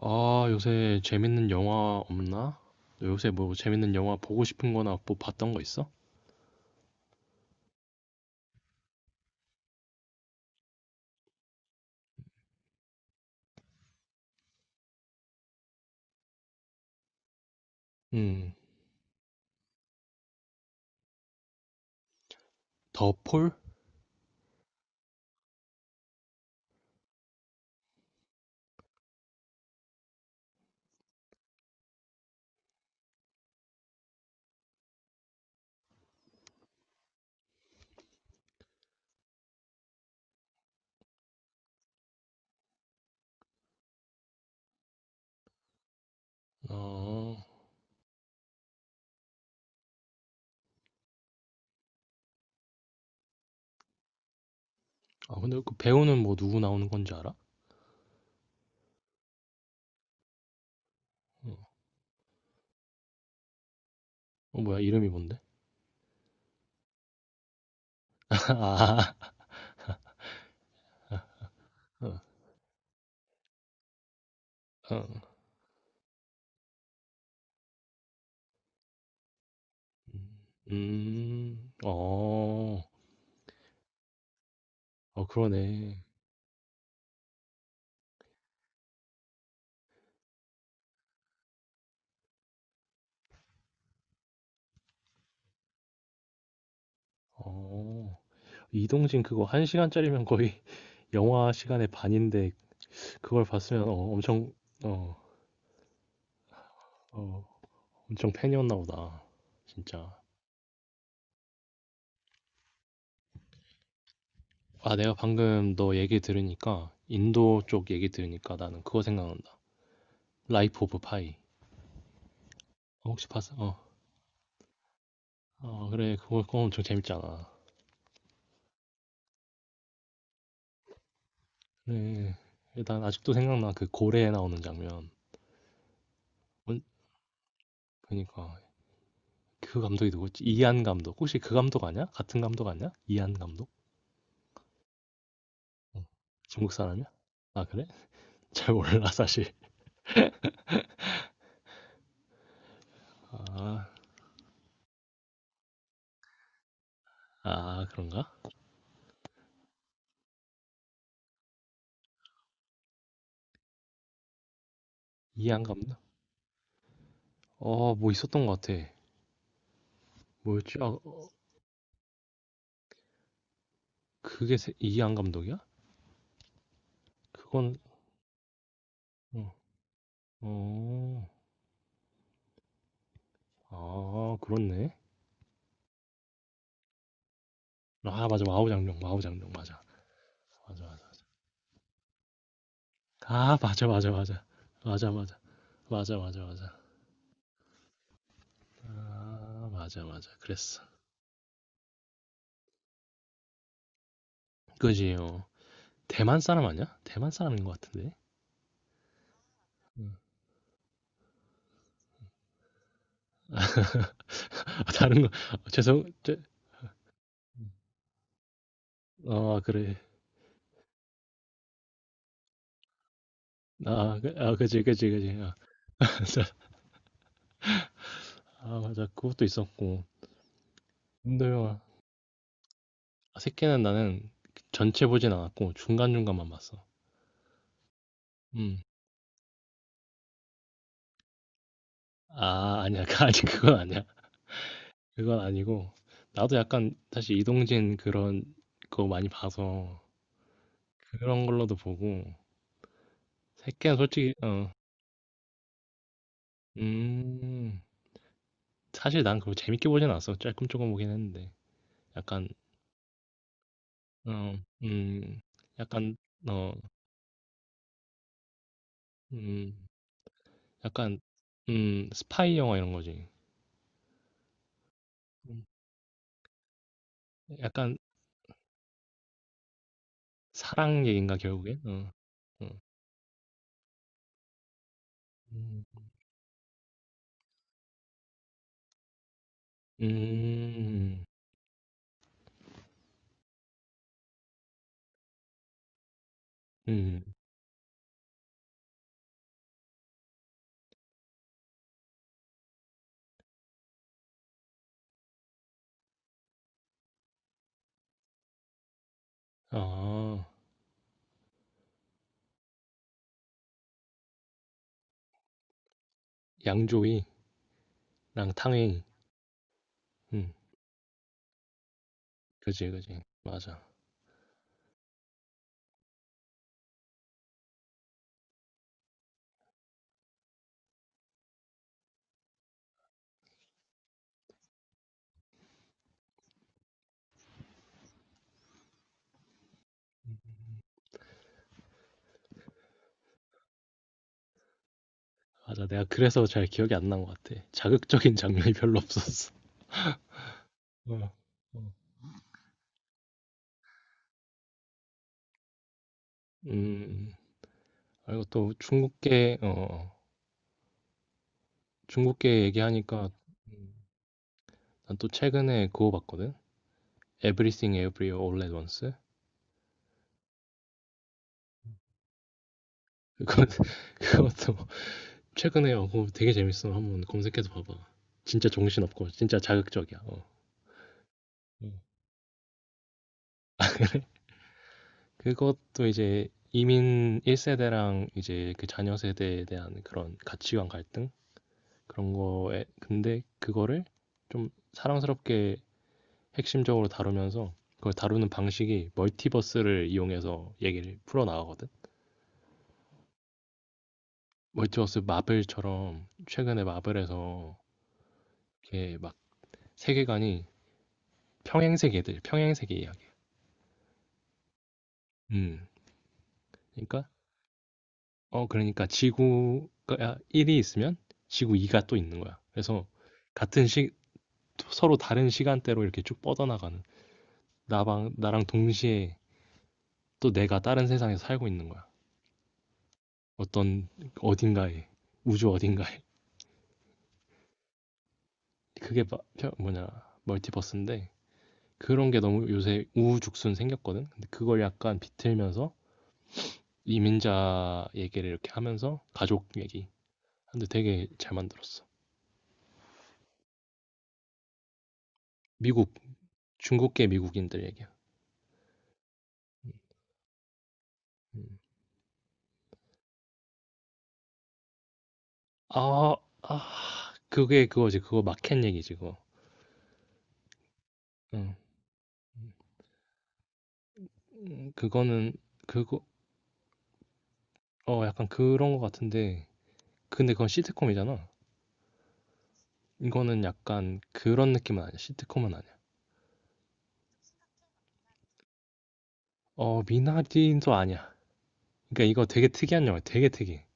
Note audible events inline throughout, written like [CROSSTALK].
아, 요새 재밌는 영화 없나? 너 요새 뭐 재밌는 영화 보고 싶은 거나 뭐 봤던 거 있어? 음, 더 폴? 어, 아, 근데 그 배우는 뭐 누구 나오는 건지 알아? 어, 어, 뭐야, 이름이 뭔데? [LAUGHS] 아, 어, 어, 어, 어, 그러네. 어, 이동진 그거 한 시간짜리면 거의 [LAUGHS] 영화 시간의 반인데 그걸 봤으면 엄청, 어, 어, 엄청 팬이었나 보다. 진짜. 아, 내가 방금 너 얘기 들으니까, 인도 쪽 얘기 들으니까 나는 그거 생각난다. 라이프 오브 파이. 어, 혹시 봤어? 어. 어, 그래. 그거 엄청 재밌잖아. 그래. 난 아직도 생각나. 그 고래에 나오는 장면. 뭔- 그니까. 그 감독이 누구지? 이한 감독. 혹시 그 감독 아니야? 같은 감독 아니야? 이한 감독? 어. 중국 사람이야? 아, 그래? [LAUGHS] 잘 몰라, 사실. 아, 아, 그런가? 이한 감독? 어, 뭐 있었던 것 같아. 뭐였지? 아, 그게 이한 감독이야? 그건, 어. 어. 아, 그렇네. 아, 맞아. 와우장룡, 마우장룡 맞아. 맞아, 맞아. 아, 맞아, 맞아, 맞아. 맞아, 맞아. 맞아, 맞아, 맞아. 아, 맞아, 맞아. 그랬어. 그지 요. 대만 사람 아니야? 대만 사람인 것 같은데. 음. 아, 다른 거 [LAUGHS] 죄송. 저, 아, 그래. 아, 그, 아, 그지, 그지, 그지. 아, [LAUGHS] 맞아. 아, 맞아. 그것도 있었고. 인도 영화. 아, 새끼는 나는 전체 보진 않았고 중간중간만 봤어. 음. 아, 아니야. [LAUGHS] 아직 그건 아니야. 그건 아니고, 나도 약간 사실 이동진 그런 거 많이 봐서 그런 걸로도 보고, 새끼는 솔직히 음, 사실 난 그거 재밌게 보진 않았어. 조금 조금 보긴 했는데 약간 어, 음, 약간 어, 음, 약간 스파이 영화 이런 거지. 음, 약간 사랑 얘긴가 결국엔? 어, 어, 음, 음, 음, 아, 양조위랑 탕웨이. 음. 그지, 그지. 맞아. 맞아. 내가 그래서 잘 기억이 안 난 것 같아. 자극적인 장면이 별로 없었어. 어, 어. 음, 그리고 또 중국계, 어, 어. 중국계 얘기하니까, 음, 난또 최근에 그거 봤거든? Everything Everywhere All at Once? 그거, [LAUGHS] 그것도 최근에, 그거 되게 재밌어. 한번 검색해서 봐봐. 진짜 정신없고, 진짜 자극적이야. 어. 음. 그것도 이제 이민 1세대랑 이제 그 자녀 세대에 대한 그런 가치관 갈등? 그런 거에 근데 그거를 좀 사랑스럽게 핵심적으로 다루면서 그걸 다루는 방식이 멀티버스를 이용해서 얘기를 풀어 나가거든. 멀티버스 마블처럼 최근에 마블에서 이렇게 막 세계관이 평행세계들, 평행세계 이야기. 음. 그러니까 그러니까 지구가 1이 있으면 지구 2가 또 있는 거야. 그래서 같은 시 서로 다른 시간대로 이렇게 쭉 뻗어나가는, 나방 나랑 동시에 또 내가 다른 세상에서 살고 있는 거야. 어떤 어딘가에, 우주 어딘가에. 그게 뭐냐, 멀티버스인데 그런 게 너무 요새 우후죽순 생겼거든. 근데 그걸 약간 비틀면서 이민자 얘기를 이렇게 하면서, 가족 얘기. 근데 되게 잘 만들었어. 미국. 중국계 미국인들 얘기야. 음. 아, 아, 그게 그거지. 그거 마켓 얘기지, 그거. 응. 그거는 그거 어 약간 그런 거 같은데, 근데 그건 시트콤이잖아. 이거는 약간 그런 느낌은 아니야. 시트콤은 아니야. 어, 미나딘도 아니야. 그러니까 이거 되게 특이한 영화야. 되게 특이해.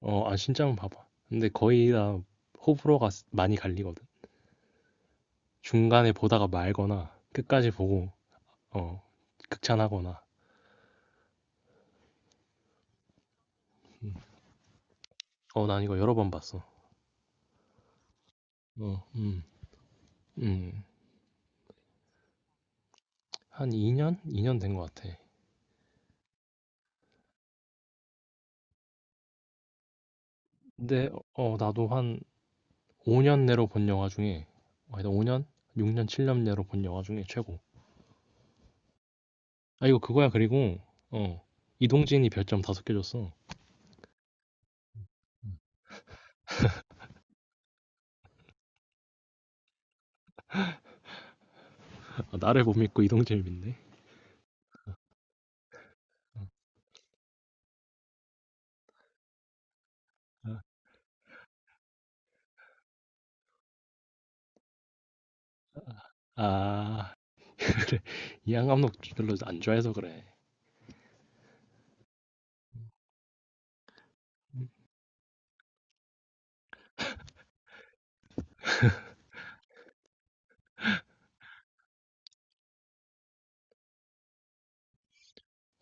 어, 아, 진짜 한번 봐봐. 근데 거의 다 호불호가 많이 갈리거든. 중간에 보다가 말거나 끝까지 보고 어, 극찬하거나. 음. 어, 난 이거 여러 번 봤어. 어, 음. 한 2년? 2년 된 것 같아. 근데 나도 한 5년 내로 본 영화 중에, 아니 5년? 6년, 7년 내로 본 영화 중에 최고. 아, 이거 그거야. 그리고 어 이동진이 별점 5개 줬어. 아, 나를 못 믿고 이동진을 믿네. 아, [LAUGHS] 그래. 이양 감독 별로 안 좋아해서 그래.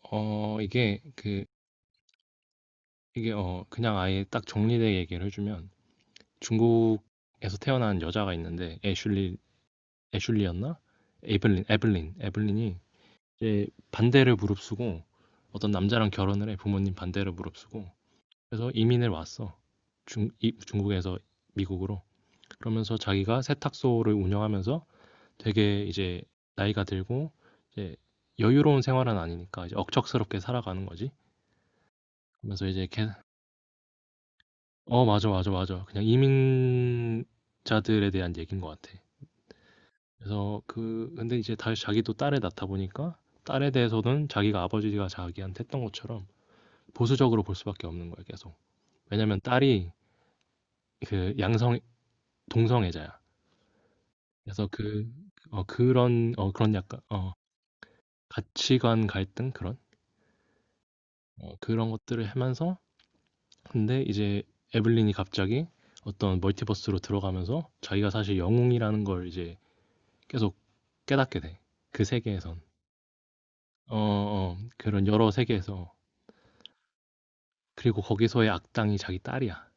어 이게 그 이게 어 그냥 아예 딱 정리돼 얘기를 해주면, 중국에서 태어난 여자가 있는데, 애슐리였나, 에블린이 이제 반대를 무릅쓰고 어떤 남자랑 결혼을 해, 부모님 반대를 무릅쓰고 그래서 이민을 왔어. 중국에서 미국으로. 그러면서 자기가 세탁소를 운영하면서 되게 이제 나이가 들고, 이제 여유로운 생활은 아니니까 이제 억척스럽게 살아가는 거지. 그러면서 이제 걔, 어, 맞아, 맞아, 맞아. 그냥 이민자들에 대한 얘기인 것 같아. 그래서 근데 이제 다시 자기도 딸을 낳다 보니까 딸에 대해서는 자기가 아버지가 자기한테 했던 것처럼 보수적으로 볼 수밖에 없는 거야, 계속. 왜냐면 딸이 그 동성애자야. 그래서 그 그런 그런 약간 가치관 갈등 그런 그런 것들을 하면서, 근데 이제 에블린이 갑자기 어떤 멀티버스로 들어가면서 자기가 사실 영웅이라는 걸 이제 계속 깨닫게 돼. 그 세계에선. 어, 어, 그런 여러 세계에서. 그리고 거기서의 악당이 자기 딸이야.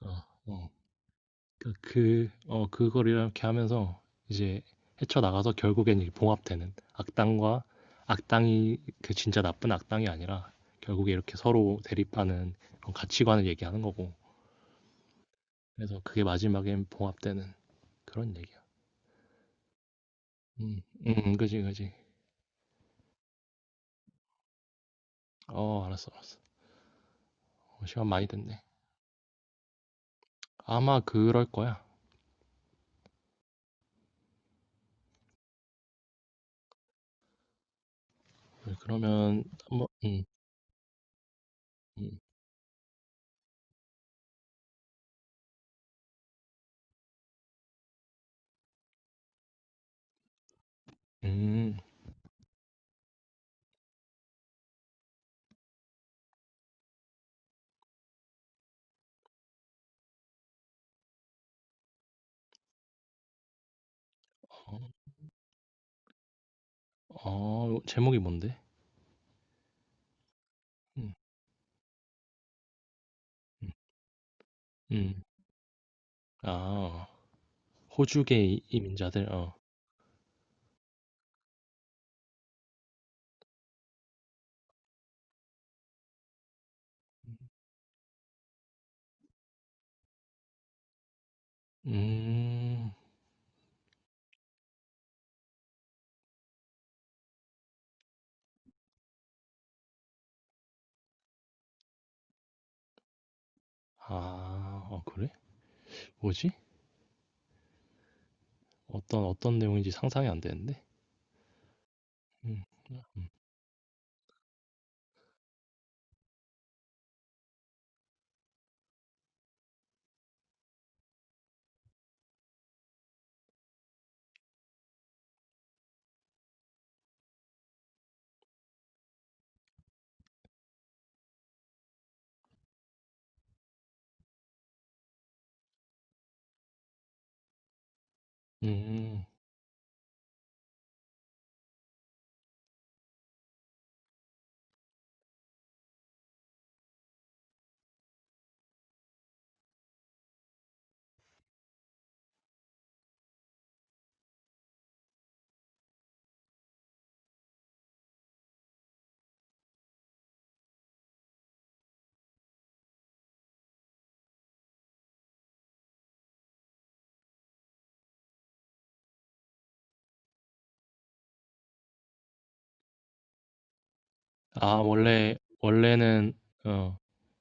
어, 어. 그걸 이렇게 하면서 이제 헤쳐나가서 결국엔 이 봉합되는 악당과 악당이 그 진짜 나쁜 악당이 아니라 결국에 이렇게 서로 대립하는 그런 가치관을 얘기하는 거고. 그래서 그게 마지막엔 봉합되는 그런 얘기야. 음, 그지, 그지. 어, 알았어, 알았어. 어, 시간 많이 됐네. 아마 그럴 거야. 그러면, 한번 음, 음, 어, 제목이 뭔데? 음, 음, 음. 아, 호주계 이민자들, 어. 음. 아. 어, 그래? 뭐지? 어떤 내용인지 상상이 안 되는데. 음. 음. 아, 원래는 어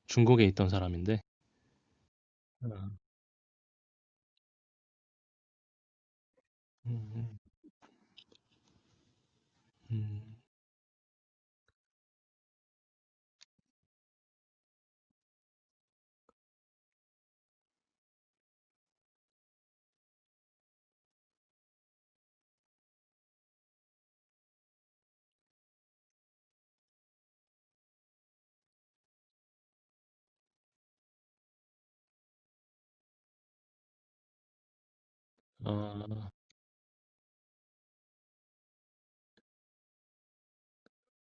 중국에 있던 사람인데. 아. 음음. 음. 음. 아.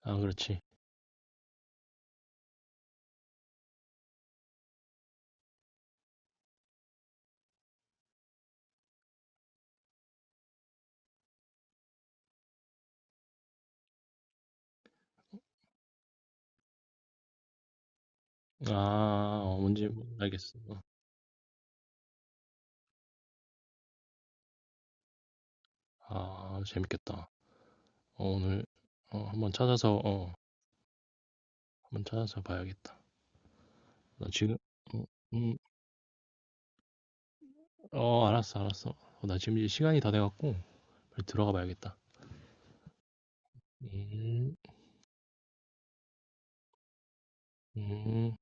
아, 그렇지. 아, 뭔지 알겠어. 아, 재밌겠다. 어, 오늘 어 한번 찾아서 어 한번 찾아서 봐야겠다. 나 지금 어 음. 어, 알았어, 알았어. 나 지금 이제 시간이 다 돼 갖고 빨리 들어가 봐야겠다. 음. 음.